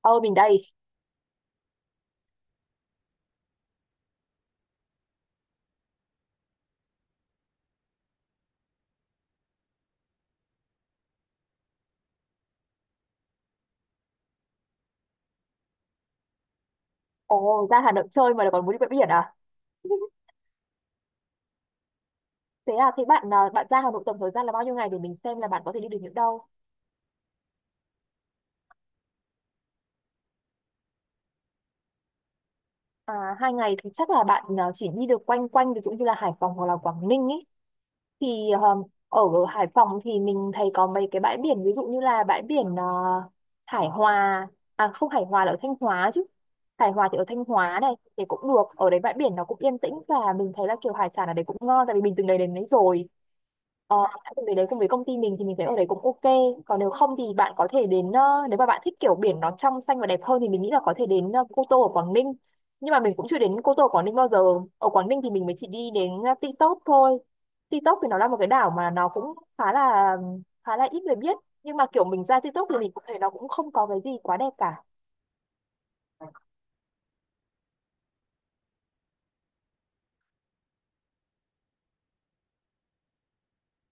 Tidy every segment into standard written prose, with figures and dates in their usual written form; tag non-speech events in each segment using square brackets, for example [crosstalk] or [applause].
Ờ, mình đây. Ồ, ra Hà Nội chơi mà lại còn muốn đi bãi biển à? [laughs] Thế à, thế bạn à, bạn ra Hà Nội tổng thời gian là bao nhiêu ngày để mình xem là bạn có thể đi được những đâu? À, hai ngày thì chắc là bạn à, chỉ đi được quanh quanh, ví dụ như là Hải Phòng hoặc là Quảng Ninh ý. Thì ở Hải Phòng thì mình thấy có mấy cái bãi biển, ví dụ như là bãi biển Hải Hòa. À không, Hải Hòa là ở Thanh Hóa chứ. Hải Hòa thì ở Thanh Hóa, này thì cũng được, ở đấy bãi biển nó cũng yên tĩnh và mình thấy là kiểu hải sản ở đấy cũng ngon, tại vì mình từng đấy đến đấy rồi. ờ, đã từng đấy đấy cùng với công ty mình, thì mình thấy ở đấy cũng ok. Còn nếu không thì bạn có thể đến, nếu mà bạn thích kiểu biển nó trong xanh và đẹp hơn thì mình nghĩ là có thể đến Cô Tô ở Quảng Ninh. Nhưng mà mình cũng chưa đến Cô Tô ở Quảng Ninh bao giờ. Ở Quảng Ninh thì mình mới chỉ đi đến Ti Tốp thôi. TikTok thì nó là một cái đảo mà nó cũng khá là ít người biết, nhưng mà kiểu mình ra TikTok thì mình cũng thấy nó cũng không có cái gì quá đẹp cả.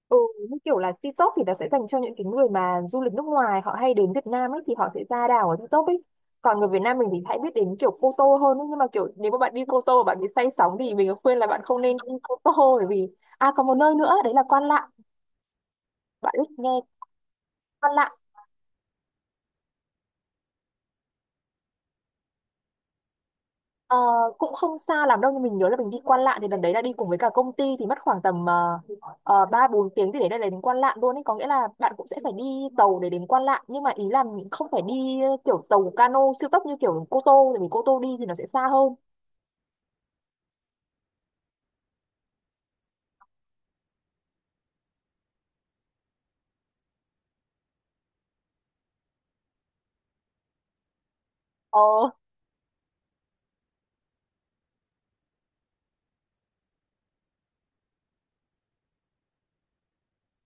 Ừ, như kiểu là TikTok thì nó sẽ dành cho những cái người mà du lịch nước ngoài, họ hay đến Việt Nam ấy, thì họ sẽ ra đảo ở TikTok ấy. Còn người Việt Nam mình thì hãy biết đến kiểu Cô Tô hơn ấy. Nhưng mà kiểu nếu mà bạn đi Cô Tô mà bạn bị say sóng thì mình khuyên là bạn không nên đi Cô Tô, bởi vì... À, còn một nơi nữa đấy là Quan Lạn. Bạn biết nghe Quan Lạn? Ờ, cũng không xa lắm đâu, nhưng mình nhớ là mình đi Quan Lạn thì lần đấy là đi cùng với cả công ty, thì mất khoảng tầm 3 4 tiếng thì để đây là đến Quan Lạn luôn ấy, có nghĩa là bạn cũng sẽ phải đi tàu để đến Quan Lạn. Nhưng mà ý là mình không phải đi kiểu tàu cano siêu tốc như kiểu Cô Tô, tại vì Cô Tô đi thì nó sẽ xa hơn. Ờ,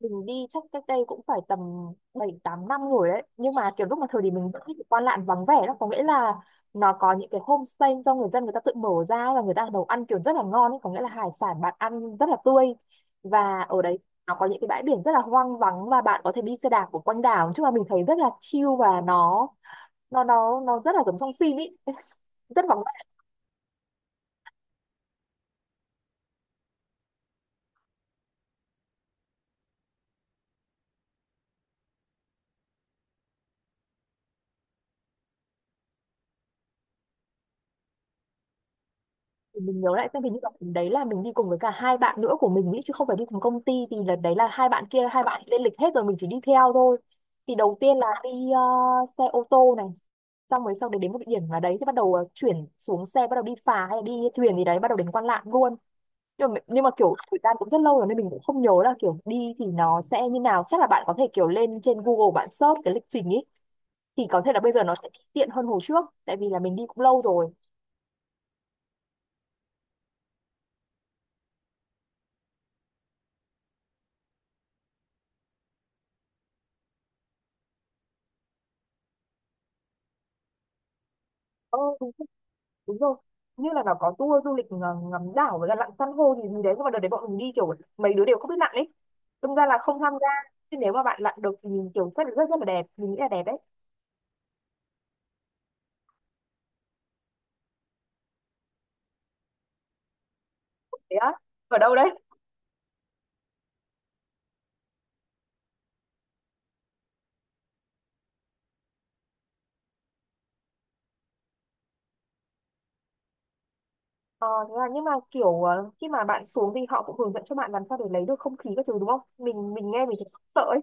mình đi chắc cách đây cũng phải tầm 7 8 năm rồi đấy, nhưng mà kiểu lúc mà thời điểm mình vẫn thích Quan Lạn vắng vẻ đó, có nghĩa là nó có những cái homestay do người dân người ta tự mở ra và người ta nấu ăn kiểu rất là ngon ấy. Có nghĩa là hải sản bạn ăn rất là tươi, và ở đấy nó có những cái bãi biển rất là hoang vắng, và bạn có thể đi xe đạp của quanh đảo chứ, mà mình thấy rất là chill và nó rất là giống trong phim ý, rất là... Thì mình nhớ lại xem, hình như là lần đấy là mình đi cùng với cả hai bạn nữa của mình ý, chứ không phải đi cùng công ty. Thì lần đấy là hai bạn kia, hai bạn lên lịch hết rồi mình chỉ đi theo thôi. Thì đầu tiên là đi ờ, xe ô tô này, xong rồi sau đấy đến một địa điểm là đấy thì bắt đầu chuyển xuống xe, bắt đầu đi phà hay là đi thuyền gì đấy, bắt đầu đến Quan Lạn luôn. Nhưng mà kiểu thời gian cũng rất lâu rồi nên mình cũng không nhớ là kiểu đi thì nó sẽ như nào, chắc là bạn có thể kiểu lên trên Google bạn search cái lịch trình ý. Thì có thể là bây giờ nó sẽ tiện hơn hồi trước, tại vì là mình đi cũng lâu rồi. Ừ, đúng rồi, như là nó có tour du lịch ngắm đảo với cả lặn san hô gì gì đấy, nhưng mà đợt đấy bọn mình đi kiểu mấy đứa đều không biết lặn ấy, đâm ra là không tham gia. Nhưng nếu mà bạn lặn được thì mình kiểu rất rất rất là đẹp, mình nghĩ là đẹp đấy. Thế á? Ở đâu đấy? Ờ thế là nhưng mà kiểu khi mà bạn xuống thì họ cũng hướng dẫn cho bạn làm sao để lấy được không khí các thứ đúng không? Mình mình nghe mình thấy sợ ấy.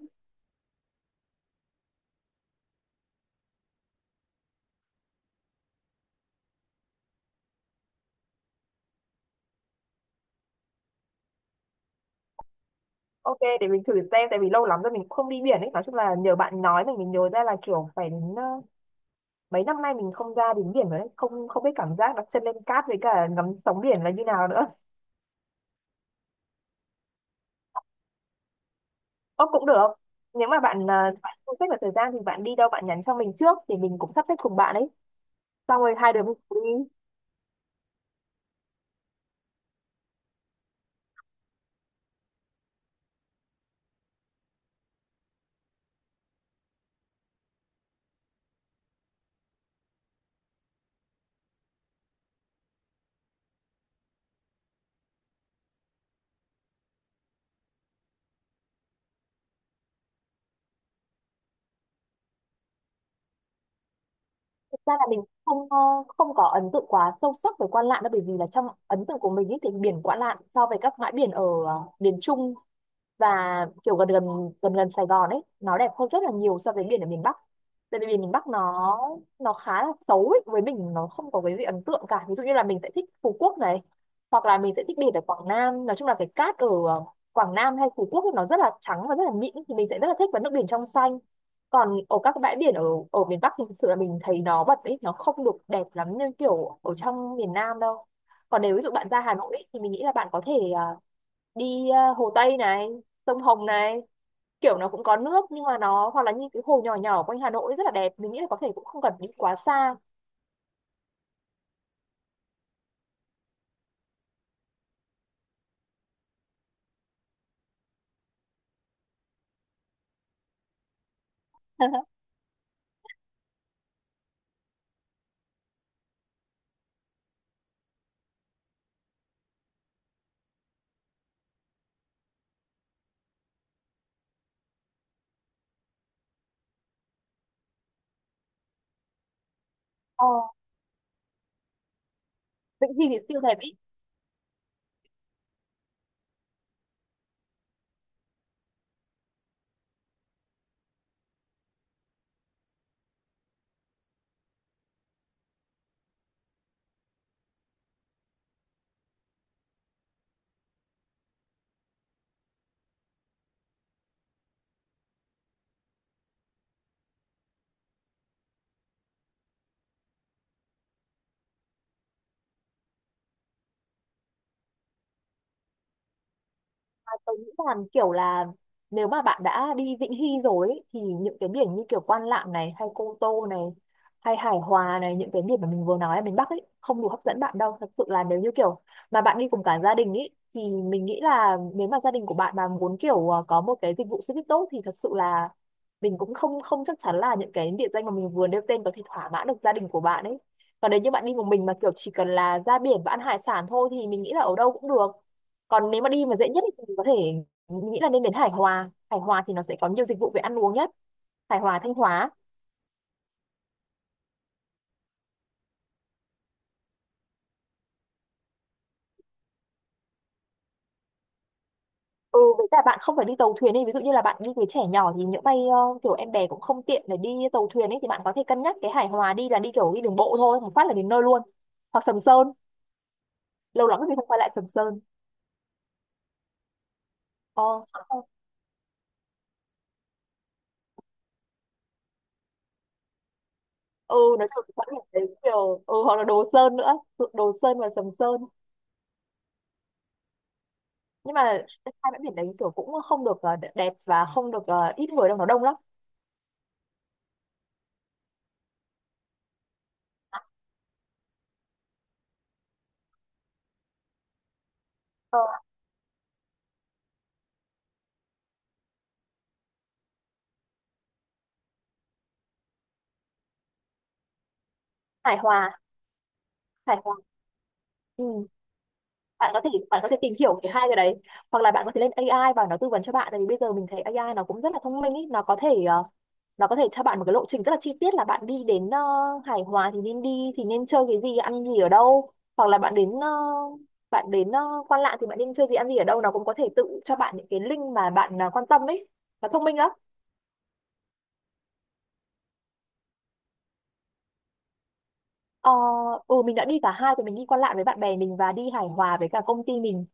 Ok, để mình thử xem, tại vì lâu lắm rồi mình cũng không đi biển ấy. Nói chung là nhờ bạn nói mình nhớ ra là kiểu phải đến mấy năm nay mình không ra đến biển rồi đấy. Không không biết cảm giác đặt chân lên cát với cả ngắm sóng biển là như nào nữa. Ơ, cũng được. Nếu mà bạn à, bạn không xếp được thời gian thì bạn đi đâu bạn nhắn cho mình trước, thì mình cũng sắp xếp cùng bạn ấy. Xong rồi hai đứa mình cùng đi. Thực ra là mình không ờ, không có ấn tượng quá sâu sắc về Quan Lạn đâu, bởi vì là trong ấn tượng của mình ấy thì biển Quan Lạn so với các bãi biển ở miền Trung và kiểu gần gần Sài Gòn ấy, nó đẹp hơn rất là nhiều so với biển ở miền Bắc, tại vì biển miền Bắc nó khá là xấu ấy. Với mình nó không có cái gì ấn tượng cả, ví dụ như là mình sẽ thích Phú Quốc này, hoặc là mình sẽ thích biển ở Quảng Nam. Nói chung là cái cát ở Quảng Nam hay Phú Quốc ấy, nó rất là trắng và rất là mịn thì mình sẽ rất là thích, và nước biển trong xanh. Còn ở các bãi biển ở ở miền Bắc thì thực sự là mình thấy nó bật ấy, nó không được đẹp lắm như kiểu ở trong miền Nam đâu. Còn nếu ví dụ bạn ra Hà Nội ấy, thì mình nghĩ là bạn có thể đi Hồ Tây này, sông Hồng này, kiểu nó cũng có nước, nhưng mà nó hoặc là như cái hồ nhỏ nhỏ quanh Hà Nội rất là đẹp, mình nghĩ là có thể cũng không cần đi quá xa. [laughs] ờ Vĩnh Hy thì siêu đẹp ý. À, tôi nghĩ là kiểu là, nếu mà bạn đã đi Vĩnh Hy rồi ấy, thì những cái biển như kiểu Quan Lạn này, hay Cô Tô này, hay Hải Hòa này, những cái biển mà mình vừa nói ở miền Bắc ấy không đủ hấp dẫn bạn đâu thật sự. Là nếu như kiểu mà bạn đi cùng cả gia đình ấy thì mình nghĩ là nếu mà gia đình của bạn mà muốn kiểu à, có một cái dịch vụ xe buýt tốt, thì thật sự là mình cũng không không chắc chắn là những cái địa danh mà mình vừa nêu tên có thể thỏa mãn được gia đình của bạn ấy. Còn nếu như bạn đi một mình mà kiểu chỉ cần là ra biển và ăn hải sản thôi thì mình nghĩ là ở đâu cũng được. Còn nếu mà đi mà dễ nhất thì mình có thể, mình nghĩ là nên đến Hải Hòa. Hải Hòa thì nó sẽ có nhiều dịch vụ về ăn uống nhất. Hải Hòa, Thanh Hóa. Ừ, với cả bạn không phải đi tàu thuyền ấy, ví dụ như là bạn đi với trẻ nhỏ thì những bay kiểu em bé cũng không tiện để đi tàu thuyền ấy, thì bạn có thể cân nhắc cái Hải Hòa, đi là đi kiểu đi đường bộ thôi, một phát là đến nơi luôn. Hoặc Sầm Sơn, lâu lắm rồi mình không quay lại Sầm Sơn. ờ Sao không? Ừ, nói chung là bãi biển đấy kiểu ừ, hoặc là Đồ Sơn nữa. Đồ Sơn và Sầm Sơn. Nhưng mà hai bãi biển đấy kiểu cũng không được đẹp và không được ít người đâu, nó đông lắm. Ờ, hài hòa, hài hòa. Ừ. Bạn có thể tìm hiểu cái hai cái đấy, hoặc là bạn có thể lên AI và nó tư vấn cho bạn, tại vì bây giờ mình thấy AI nó cũng rất là thông minh ý. Nó có thể nó có thể cho bạn một cái lộ trình rất là chi tiết, là bạn đi đến hài hòa thì nên đi, thì nên chơi cái gì, ăn gì, ở đâu, hoặc là bạn đến bạn đến Quan Lạn thì bạn nên chơi gì, ăn gì, ở đâu. Nó cũng có thể tự cho bạn những cái link mà bạn quan tâm ấy. Nó thông minh lắm. Ờ, ừ, mình đã đi cả hai rồi. Mình đi Quan Lạn với bạn bè mình và đi Hải Hòa với cả công ty mình.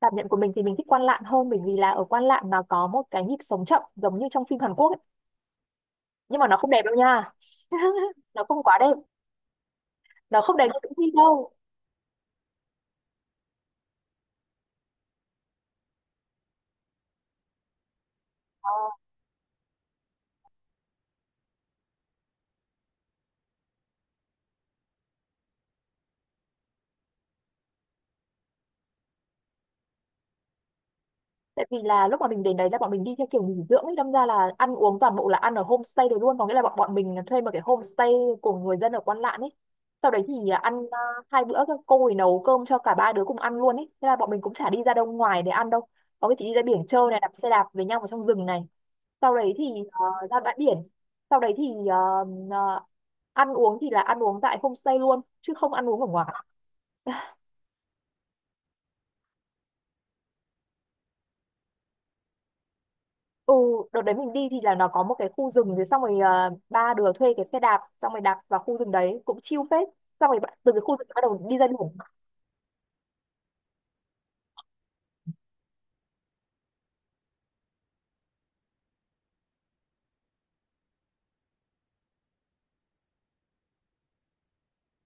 Cảm nhận của mình thì mình thích Quan Lạn hơn, bởi vì là ở Quan Lạn nó có một cái nhịp sống chậm giống như trong phim Hàn Quốc ấy. Nhưng mà nó không đẹp đâu nha. [laughs] Nó không quá đẹp, nó không đẹp như trong phim đâu. Ờ. Tại vì là lúc mà mình đến đấy là bọn mình đi theo kiểu nghỉ dưỡng ấy, đâm ra là ăn uống toàn bộ là ăn ở homestay đấy luôn. Có nghĩa là bọn bọn mình thuê một cái homestay của người dân ở Quan Lạn ấy. Sau đấy thì ăn hai bữa các cô ấy nấu cơm cho cả ba đứa cùng ăn luôn ấy, thế là bọn mình cũng chả đi ra đâu ngoài để ăn đâu. Có cái chị đi ra biển chơi này, đạp xe đạp với nhau vào trong rừng này, sau đấy thì ra bãi biển, sau đấy thì ờ, ờ, ăn uống thì là ăn uống tại homestay luôn chứ không ăn uống ở ngoài. Ừ, đợt đấy mình đi thì là nó có một cái khu rừng, rồi xong rồi ba đứa thuê cái xe đạp, xong rồi đạp vào khu rừng đấy cũng chill phết. Xong rồi từ cái khu rừng bắt đầu đi ra đường.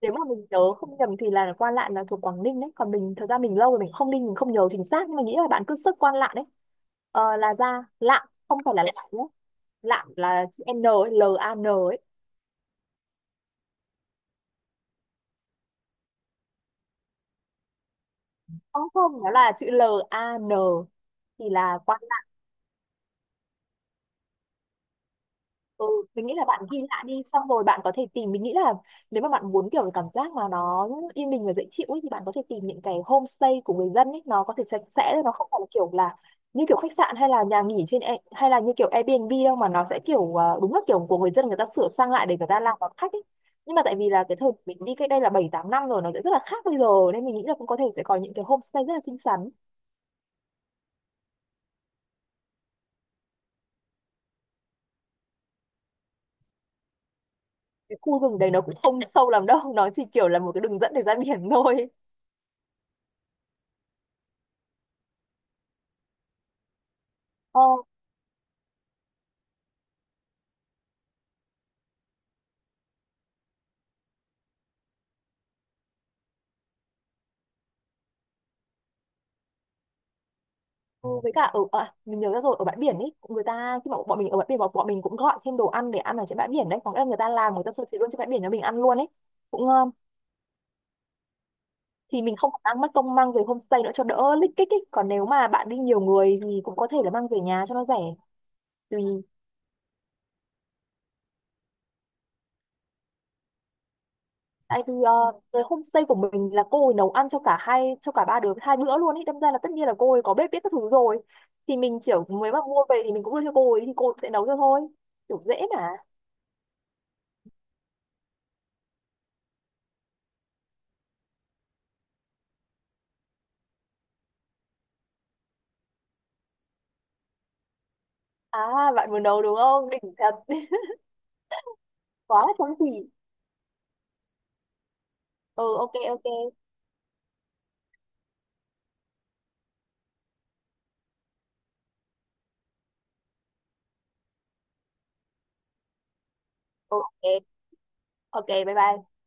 Nếu mà mình nhớ không nhầm thì là Quan Lạn là thuộc Quảng Ninh đấy. Còn mình, thật ra mình lâu rồi mình không đi, mình không nhớ chính xác, nhưng mà nghĩ là bạn cứ search Quan Lạn đấy, là ra. Lạn không phải là Lạn nhé, Lạn là chữ N ấy, L A N ấy. Không không, nó là chữ L A N thì là. Ừ, mình nghĩ là bạn ghi lại đi, xong rồi bạn có thể tìm. Mình nghĩ là nếu mà bạn muốn kiểu cái cảm giác mà nó yên bình và dễ chịu ấy, thì bạn có thể tìm những cái homestay của người dân ấy. Nó có thể sạch sẽ, nó không phải là kiểu là như kiểu khách sạn hay là nhà nghỉ trên hay là như kiểu Airbnb đâu, mà nó sẽ kiểu đúng là kiểu của người dân, người ta sửa sang lại để người ta làm đón khách ấy. Nhưng mà tại vì là cái thời mình đi cách đây là 7 8 năm rồi, nó sẽ rất là khác bây giờ, nên mình nghĩ là cũng có thể sẽ có những cái homestay rất là xinh xắn. Cái khu rừng đấy nó cũng không sâu lắm đâu, nó chỉ kiểu là một cái đường dẫn để ra biển [laughs] thôi. Ừ, với cả ở mình nhớ ra rồi, ở bãi biển ấy người ta, khi mà bọn mình ở bãi biển, bọn mình cũng gọi thêm đồ ăn để ăn ở trên bãi biển đấy. Có nghĩa là người ta làm, người ta sơ chế luôn trên bãi biển cho mình ăn luôn ấy, cũng ngon. Thì mình không ăn mất công mang về homestay nữa cho đỡ lích kích ấy, còn nếu mà bạn đi nhiều người thì cũng có thể là mang về nhà cho nó rẻ. Tùy. Tại vì cái homestay của mình là cô ấy nấu ăn cho cả hai, cho cả ba đứa hai bữa luôn ấy, đâm ra là tất nhiên là cô ấy có bếp biết các thứ rồi. Thì mình chỉ mới mà mua về thì mình cũng đưa cho cô ấy thì cô ấy sẽ nấu cho thôi, kiểu dễ mà. À bạn muốn nấu đúng không, đỉnh thật, quá không gì. Ừ, ok ok, ừ, ok ok, bye bye.